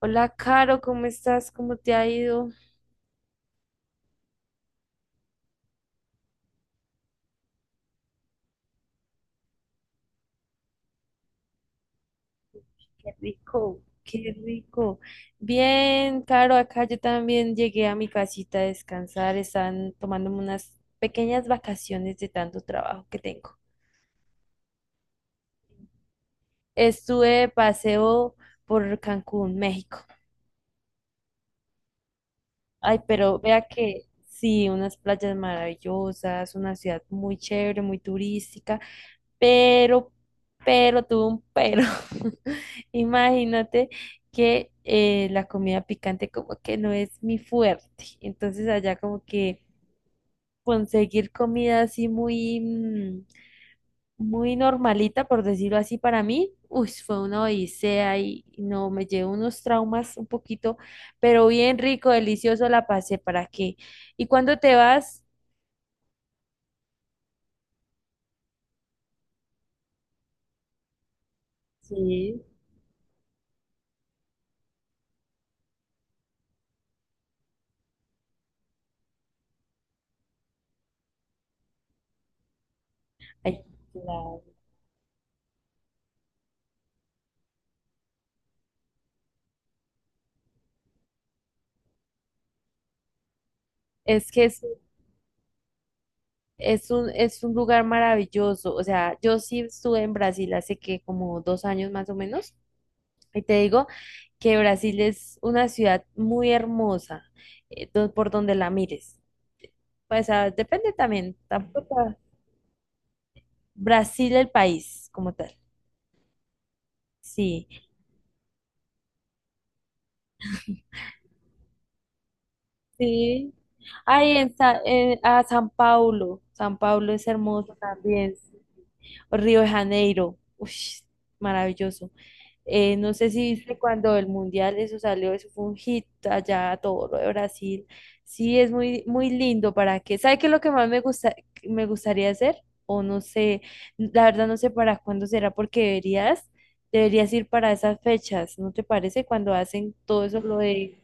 Hola, Caro, ¿cómo estás? ¿Cómo te ha ido? Qué rico. Qué rico. Bien, Caro, acá yo también llegué a mi casita a descansar. Están tomándome unas pequeñas vacaciones de tanto trabajo que tengo. Estuve de paseo por Cancún, México. Ay, pero vea que sí, unas playas maravillosas, una ciudad muy chévere, muy turística. Pero, pero tuvo un pero. Imagínate que la comida picante como que no es mi fuerte. Entonces allá como que conseguir comida así muy, muy normalita, por decirlo así, para mí, uy, fue una odisea y no, me llevo unos traumas un poquito, pero bien rico, delicioso la pasé, ¿para qué? ¿Y cuando te vas? Sí, ay, claro. Es que es es un lugar maravilloso. O sea, yo sí estuve en Brasil hace que como 2 años más o menos. Y te digo que Brasil es una ciudad muy hermosa, por donde la mires. Pues ah, depende también. Tampoco. Brasil el país como tal. Sí, sí. Ay, a San Paulo. San Paulo es hermoso también. Río de Janeiro. Uy, maravilloso. No sé si viste cuando el mundial eso salió, eso fue un hit allá a todo lo de Brasil. Sí, es muy, muy lindo para que. ¿Sabe qué es lo que más me gustaría hacer? O no sé, la verdad no sé para cuándo será, porque deberías ir para esas fechas, ¿no te parece? Cuando hacen todo eso,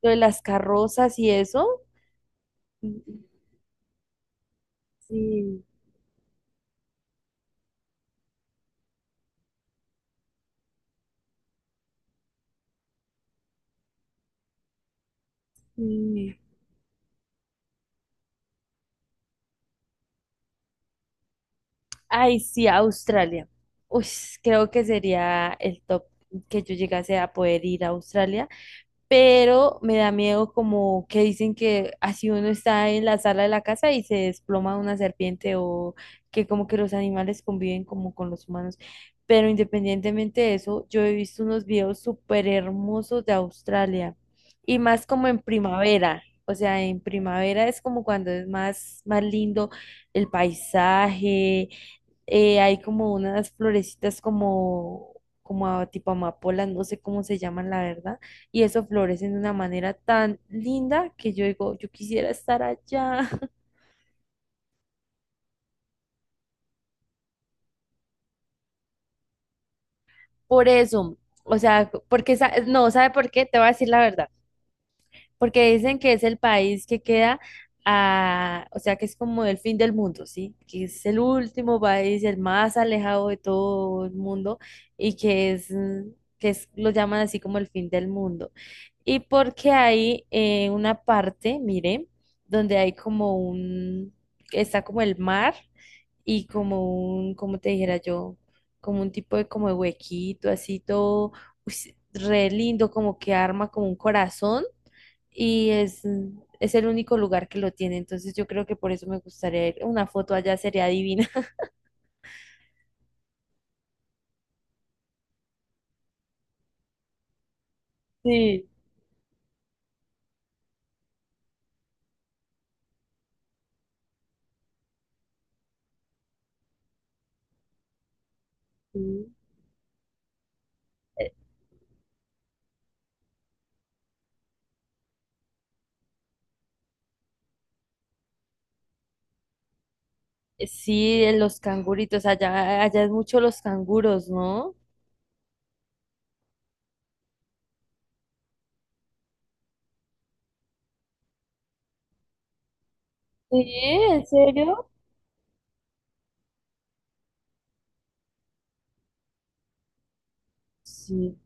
lo de las carrozas y eso. Sí, sí. Ay, sí, Australia. Uy, creo que sería el top que yo llegase a poder ir a Australia. Pero me da miedo, como que dicen que así uno está en la sala de la casa y se desploma una serpiente, o que como que los animales conviven como con los humanos. Pero independientemente de eso, yo he visto unos videos súper hermosos de Australia, y más como en primavera. O sea, en primavera es como cuando es más, más lindo el paisaje, hay como unas florecitas como tipo amapolas, no sé cómo se llaman, la verdad, y eso florecen de una manera tan linda que yo digo, yo quisiera estar allá. Por eso, o sea, porque, no, ¿sabe por qué? Te voy a decir la verdad. Porque dicen que es el país que queda o sea, que es como el fin del mundo, ¿sí? Que es el último país, el más alejado de todo el mundo, y que es, lo llaman así como el fin del mundo. Y porque hay una parte, mire, donde hay como un, está como el mar y como un, como te dijera yo, como un tipo de como de huequito, así todo, uy, sí, re lindo, como que arma como un corazón, y es el único lugar que lo tiene. Entonces yo creo que por eso me gustaría ir. Una foto allá sería divina. Sí, sí. Eh, Sí, en los canguritos, allá es mucho los canguros, ¿no? Sí, ¿en serio? Sí.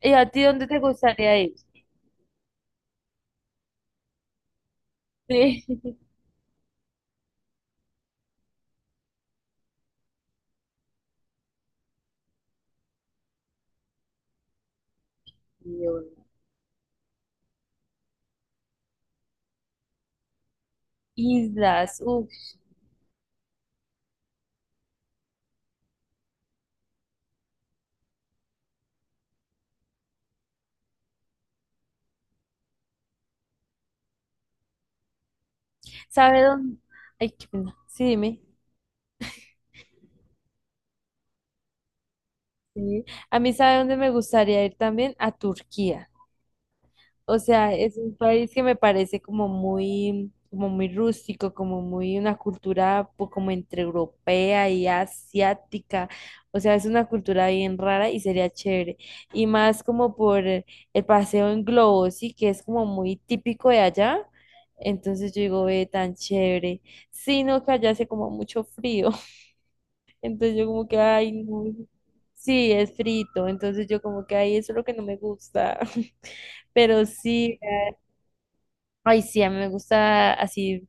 ¿Y a ti dónde te gustaría ir? Sí. Dios. Islas, ¿sabe dónde? Ay, qué pena. Sí, dime. Sí. A mí, ¿sabe dónde me gustaría ir también? A Turquía. O sea, es un país que me parece como muy, rústico, como muy una cultura como entre europea y asiática. O sea, es una cultura bien rara y sería chévere. Y más como por el paseo en globo, sí, que es como muy típico de allá. Entonces yo digo, ve, tan chévere. Sino que allá hace como mucho frío. Entonces yo como que, ay, no. Sí, es frito. Entonces yo como que, ay, eso es lo que no me gusta. Pero sí. Ay, sí, a mí me gusta así.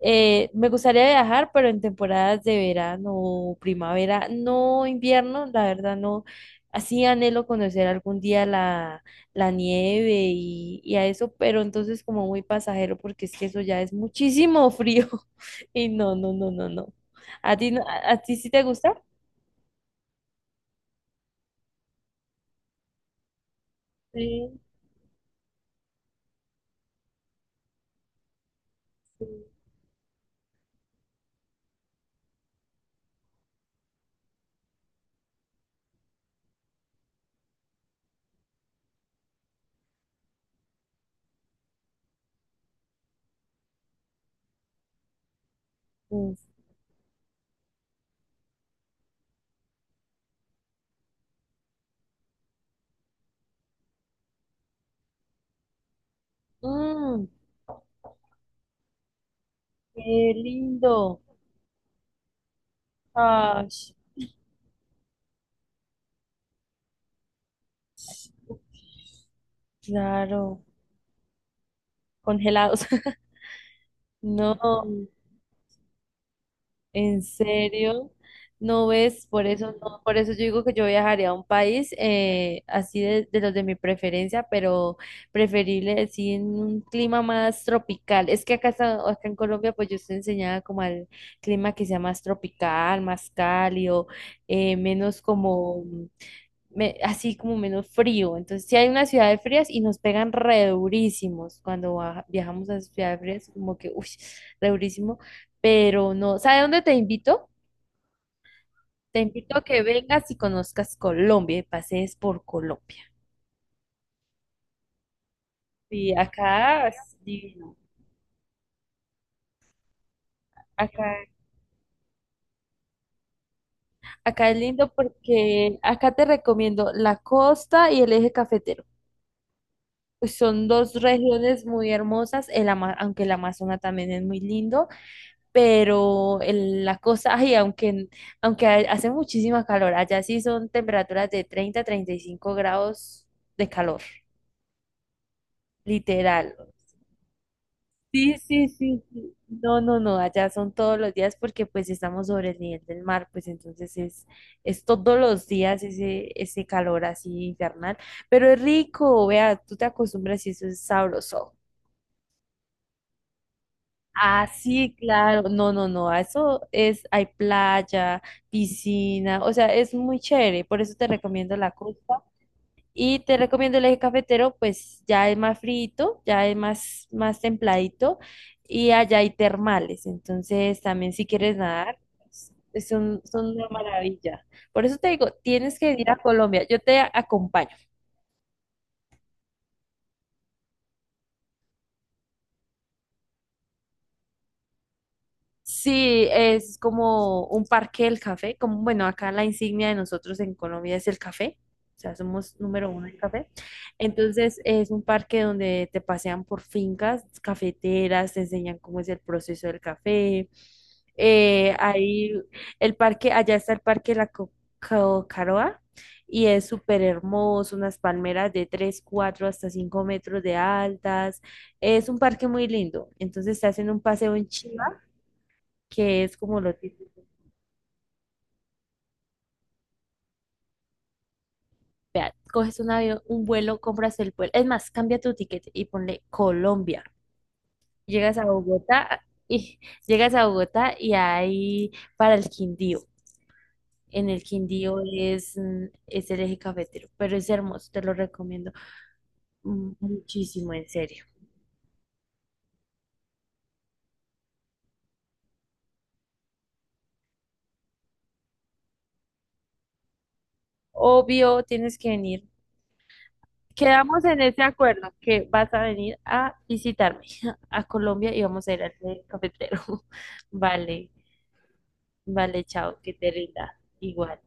Me gustaría viajar, pero en temporadas de verano, primavera, no invierno, la verdad no. Así anhelo conocer algún día la, nieve y a eso, pero entonces como muy pasajero, porque es que eso ya es muchísimo frío. Y no, no, no, no, no. ¿A ti, no- a ti sí te gusta? Sí, sí. Uf. Mm, Qué lindo. Ay, claro. Congelados. No. ¿En serio? ¿No ves? Por eso no, por eso yo digo que yo viajaría a un país, así de los de mi preferencia, pero preferible así en un clima más tropical. Es que acá en Colombia, pues yo estoy enseñada como al clima que sea más tropical, más cálido, menos como así como menos frío. Entonces, sí hay unas ciudades frías y nos pegan re durísimos cuando viajamos a ciudades frías, como que, uy, re durísimo. Pero no, ¿sabe dónde te invito? Te invito a que vengas y conozcas Colombia, y pasees por Colombia. Sí, acá es divino. Acá, acá es lindo porque acá te recomiendo la costa y el eje cafetero. Pues son dos regiones muy hermosas, aunque el Amazonas también es muy lindo. Pero la cosa, ay, aunque hace muchísima calor. Allá sí son temperaturas de 30 a 35 grados de calor, literal. Sí, sí, sí, sí. No, no, no, allá son todos los días porque pues estamos sobre el nivel del mar. Pues entonces es todos los días ese calor así infernal, pero es rico, vea, tú te acostumbras y eso es sabroso. Ah, sí, claro. No, no, no. a Eso es, hay playa, piscina, o sea, es muy chévere. Por eso te recomiendo la costa. Y te recomiendo el eje cafetero, pues ya es más frito, ya es más, más templadito. Y allá hay termales. Entonces, también si quieres nadar, son una maravilla. Por eso te digo, tienes que ir a Colombia. Yo te acompaño. Sí, es como un parque del café, como bueno, acá la insignia de nosotros en Colombia es el café, o sea, somos número uno en café. Entonces es un parque donde te pasean por fincas cafeteras, te enseñan cómo es el proceso del café. Ahí el parque, allá está el parque de la Caroa, y es súper hermoso, unas palmeras de 3, 4 hasta 5 metros de altas. Es un parque muy lindo, entonces te hacen un paseo en Chiva que es como lo típico. Vea, coges un avión, un vuelo, compras el vuelo. Es más, cambia tu ticket y ponle Colombia. Llegas a Bogotá y llegas a Bogotá y ahí para el Quindío. En el Quindío es el eje cafetero, pero es hermoso, te lo recomiendo muchísimo, en serio. Obvio, tienes que venir. Quedamos en ese acuerdo que vas a venir a visitarme a Colombia y vamos a ir al eje cafetero. Vale. Vale, chao, que te rinda. Igual.